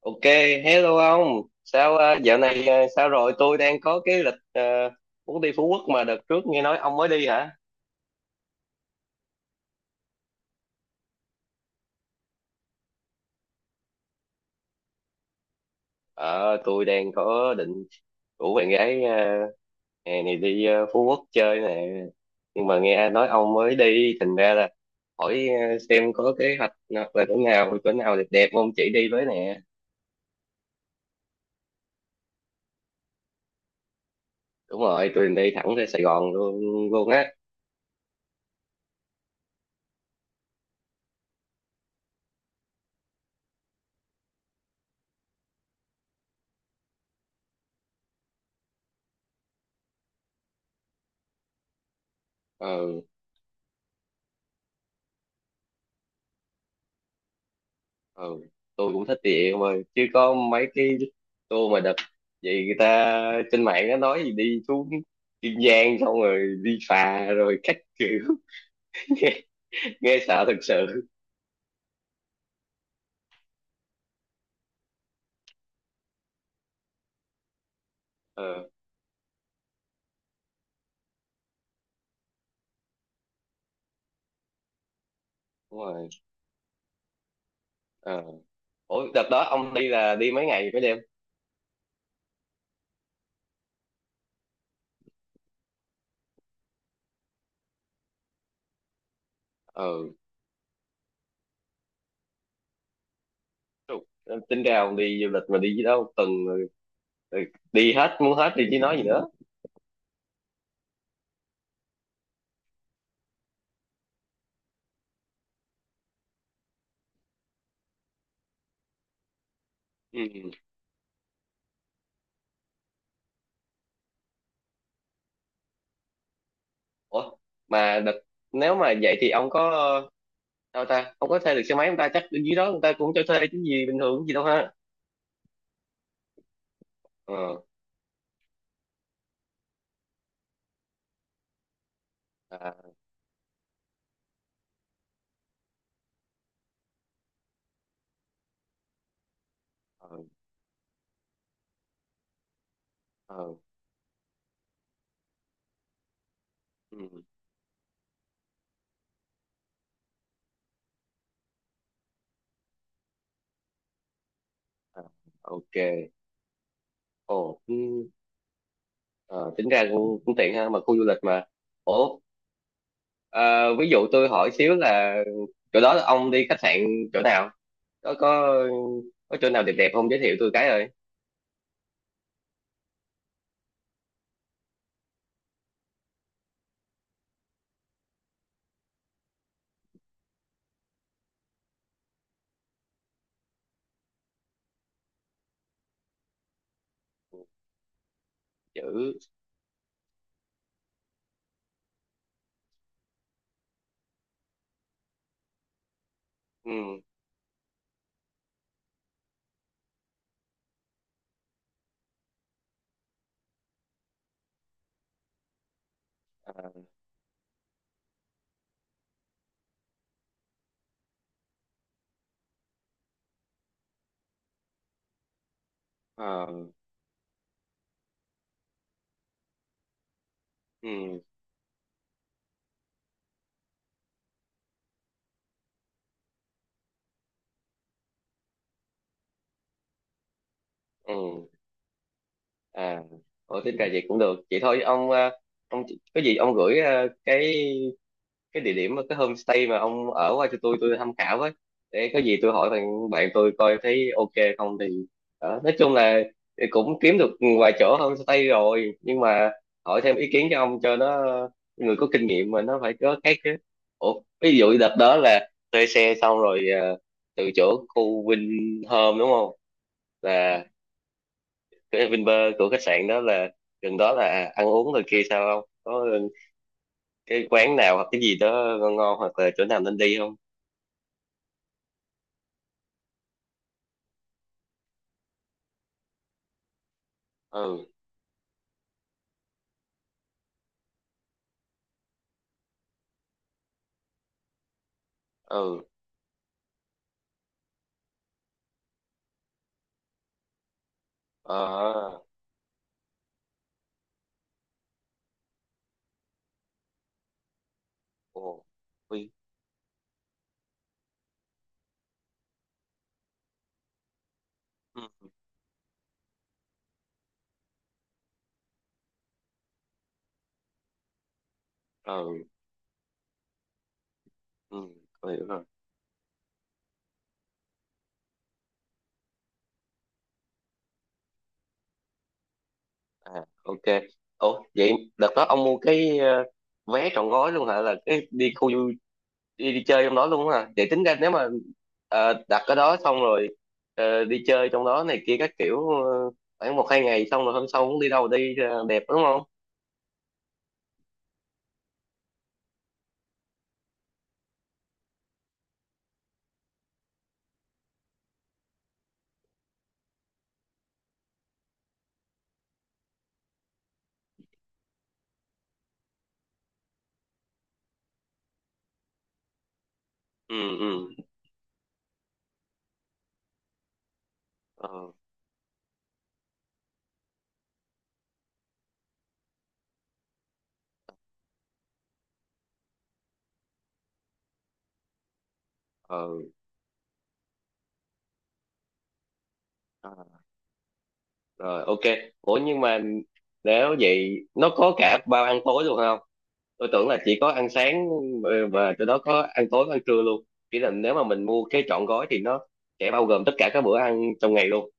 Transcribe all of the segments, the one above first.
Ok, hello ông. Sao dạo này sao rồi? Tôi đang có cái lịch muốn đi Phú Quốc mà đợt trước nghe nói ông mới đi hả? Ờ, tôi đang có định rủ bạn gái hè này đi Phú Quốc chơi nè. Nhưng mà nghe ai nói ông mới đi, thành ra là hỏi xem có kế hoạch nào- là chỗ nào đẹp đẹp ông chỉ đi với nè. Đúng rồi, tôi định đi thẳng ra Sài Gòn luôn luôn á. Ừ, ừ tôi cũng thích địa em ơi chứ có mấy cái tour mà đợt vậy người ta trên mạng nó nói gì đi xuống Kiên Giang xong rồi đi phà rồi các kiểu nghe, nghe sợ thật sự. Ờ, đúng rồi. Ờ, ủa đợt đó ông đi là đi mấy ngày mấy đêm? Ờ, trục. Tính ra ông đi du lịch mà đi gì đâu một tuần rồi rồi, đi hết muốn hết thì chứ nói gì nữa. Ừ. Ủa mà đợt nếu mà vậy thì ông có đâu ta, không có thuê được xe máy, người ta chắc bên dưới đó người ta cũng cho thuê chứ gì bình thường gì đâu ha? Ờ, à, ờ, ờ, ừ, à, ok. Ồ, ừ, ờ, tính ra cũng, cũng tiện ha, mà khu du lịch mà. Ủa, à, ví dụ tôi hỏi xíu là chỗ đó là ông đi khách sạn chỗ nào, có có có chỗ nào đẹp đẹp không giới thiệu tôi cái rồi. Chữ, ừ, à, ờ, ừ, ừ, à, ủa tính ra vậy cũng được vậy thôi ông. À, ông có gì ông gửi, à, cái địa điểm cái homestay mà ông ở qua cho tôi tham khảo với, để có gì tôi hỏi bạn bạn tôi coi thấy ok không thì đó. Nói chung là thì cũng kiếm được vài chỗ homestay rồi nhưng mà hỏi thêm ý kiến cho ông cho nó người có kinh nghiệm mà nó phải có cái chứ. Ủa, ví dụ đợt đó là thuê xe xong rồi từ chỗ khu Vinhome đúng không, là cái Vinpearl của khách sạn đó là gần đó là ăn uống rồi kia sao không có cái quán nào hoặc cái gì đó ngon ngon hoặc là chỗ nào nên đi không? Ừ, ừ, ờ, ồ, Huy. Ừ, ừ, ừ, tôi hiểu rồi. À, ok. Ủa vậy đợt đó ông mua cái vé trọn gói luôn hả, là cái đi khu du đi, đi chơi trong đó luôn hả, vậy tính ra nếu mà đặt ở đó xong rồi đi chơi trong đó này kia các kiểu khoảng một hai ngày xong rồi hôm sau cũng đi đâu đi đẹp đúng không? Ừ, ừ, ờ, ờ, à, rồi ok. Ủa nhưng mà nếu vậy nó có cả bao ăn tối luôn không, tôi tưởng là chỉ có ăn sáng. Ờ, và từ đó có ăn tối có ăn trưa luôn, chỉ là nếu mà mình mua cái trọn gói thì nó sẽ bao gồm tất cả các bữa ăn trong ngày luôn.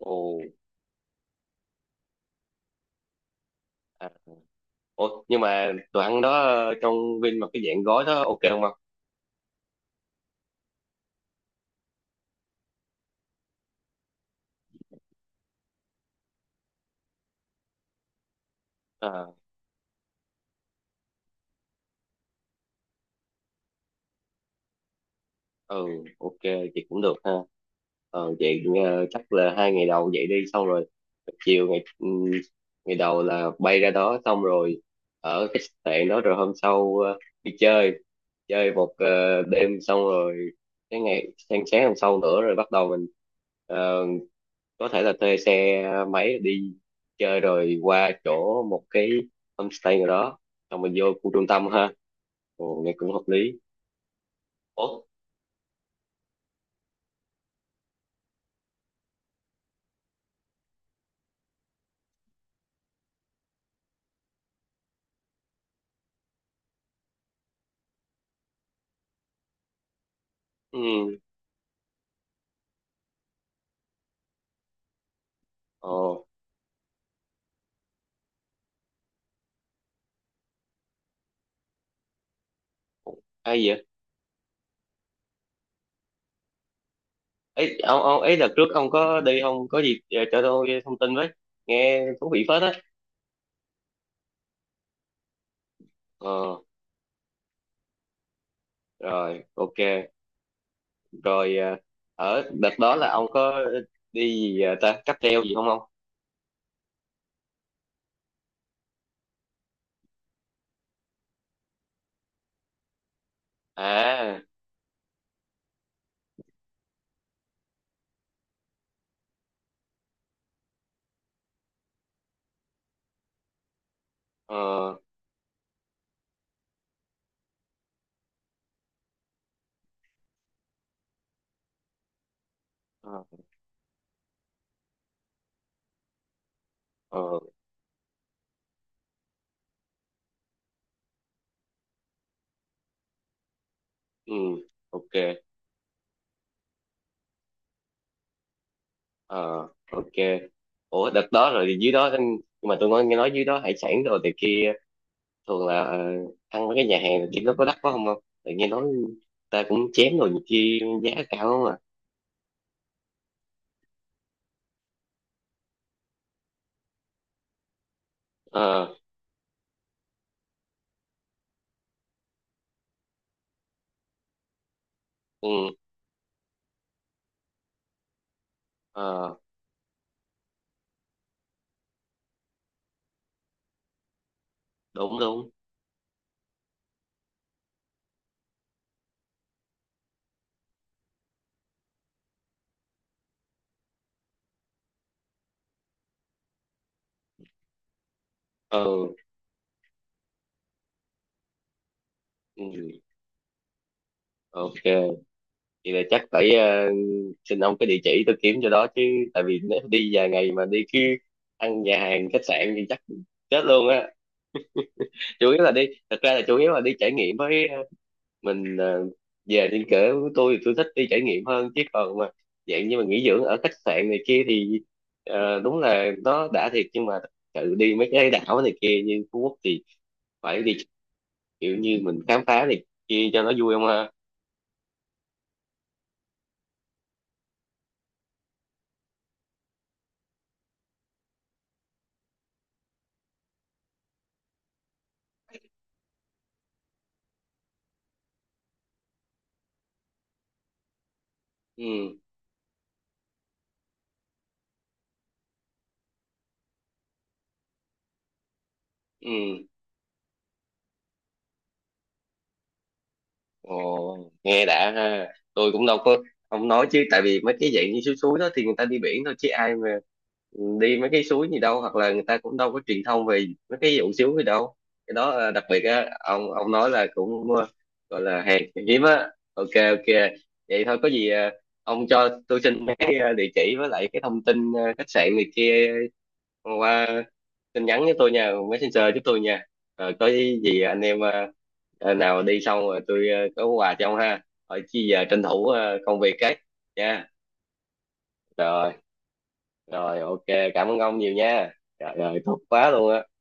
Ồ, à. Ủa nhưng mà đồ ăn đó trong Vin mà cái dạng gói đó ok không? Không, ừ, ok, chị cũng được ha. Ờ, vậy chắc là hai ngày đầu vậy đi xong rồi, chiều ngày ngày đầu là bay ra đó xong rồi ở khách sạn đó, rồi hôm sau đi chơi chơi một đêm, xong rồi cái ngày sáng sáng hôm sau nữa rồi bắt đầu mình ờ, có thể là thuê xe máy đi chơi rồi qua chỗ một cái homestay nào đó xong mình vô khu trung tâm ha. Ồ, nghe cũng hợp lý. Ủa, ừ, ồ, ai vậy? Ấy ông ấy đợt trước ông có đi ông có gì cho tôi thông tin với, nghe thú vị phết á. Ờ, rồi ok. Rồi ở đợt đó là ông có đi gì ta cáp treo gì không ông? À, ờ, ờ, ờ, ừ, ok. Ờ, ok. Ủa đợt đó rồi dưới đó, nhưng mà tôi nghe, nghe nói dưới đó hải sản rồi thì kia thường là ăn mấy cái nhà hàng thì nó có đắt quá không, không tự nghe nói ta cũng chém rồi nhiều khi giá cao không à? Ờ, ừ. Ờ, đúng đúng. Ờ, ừ, ok. Vậy là chắc phải xin ông cái địa chỉ tôi kiếm cho đó chứ, tại vì nếu đi vài ngày mà đi cứ ăn nhà hàng khách sạn thì chắc chết luôn á. Chủ yếu là đi, thật ra là chủ yếu là đi trải nghiệm với mình về trên cỡ của tôi thì tôi thích đi trải nghiệm hơn, chứ còn mà dạng như mà nghỉ dưỡng ở khách sạn này kia thì đúng là nó đã thiệt, nhưng mà tự đi mấy cái đảo này kia như Phú Quốc thì phải đi kiểu như mình khám phá này kia cho nó vui không ha. Ừ, ừ. Ồ, nghe đã ha, tôi cũng đâu có không nói chứ, tại vì mấy cái dạng như suối suối đó thì người ta đi biển thôi chứ ai mà đi mấy cái suối gì đâu, hoặc là người ta cũng đâu có truyền thông về mấy cái vụ xíu gì đâu. Cái đó đặc biệt á, ông nói là cũng gọi là hàng hiếm á, ok ok. Vậy thôi có gì ông cho tôi xin cái địa chỉ với lại cái thông tin khách sạn này kia qua tin nhắn với tôi nha, messenger giúp tôi nha. Rồi có gì anh em nào đi xong rồi tôi có quà cho ông ha. Rồi chi giờ tranh thủ công việc cái nha. Rồi, rồi ok, cảm ơn ông nhiều nha. Trời ơi thích quá luôn á.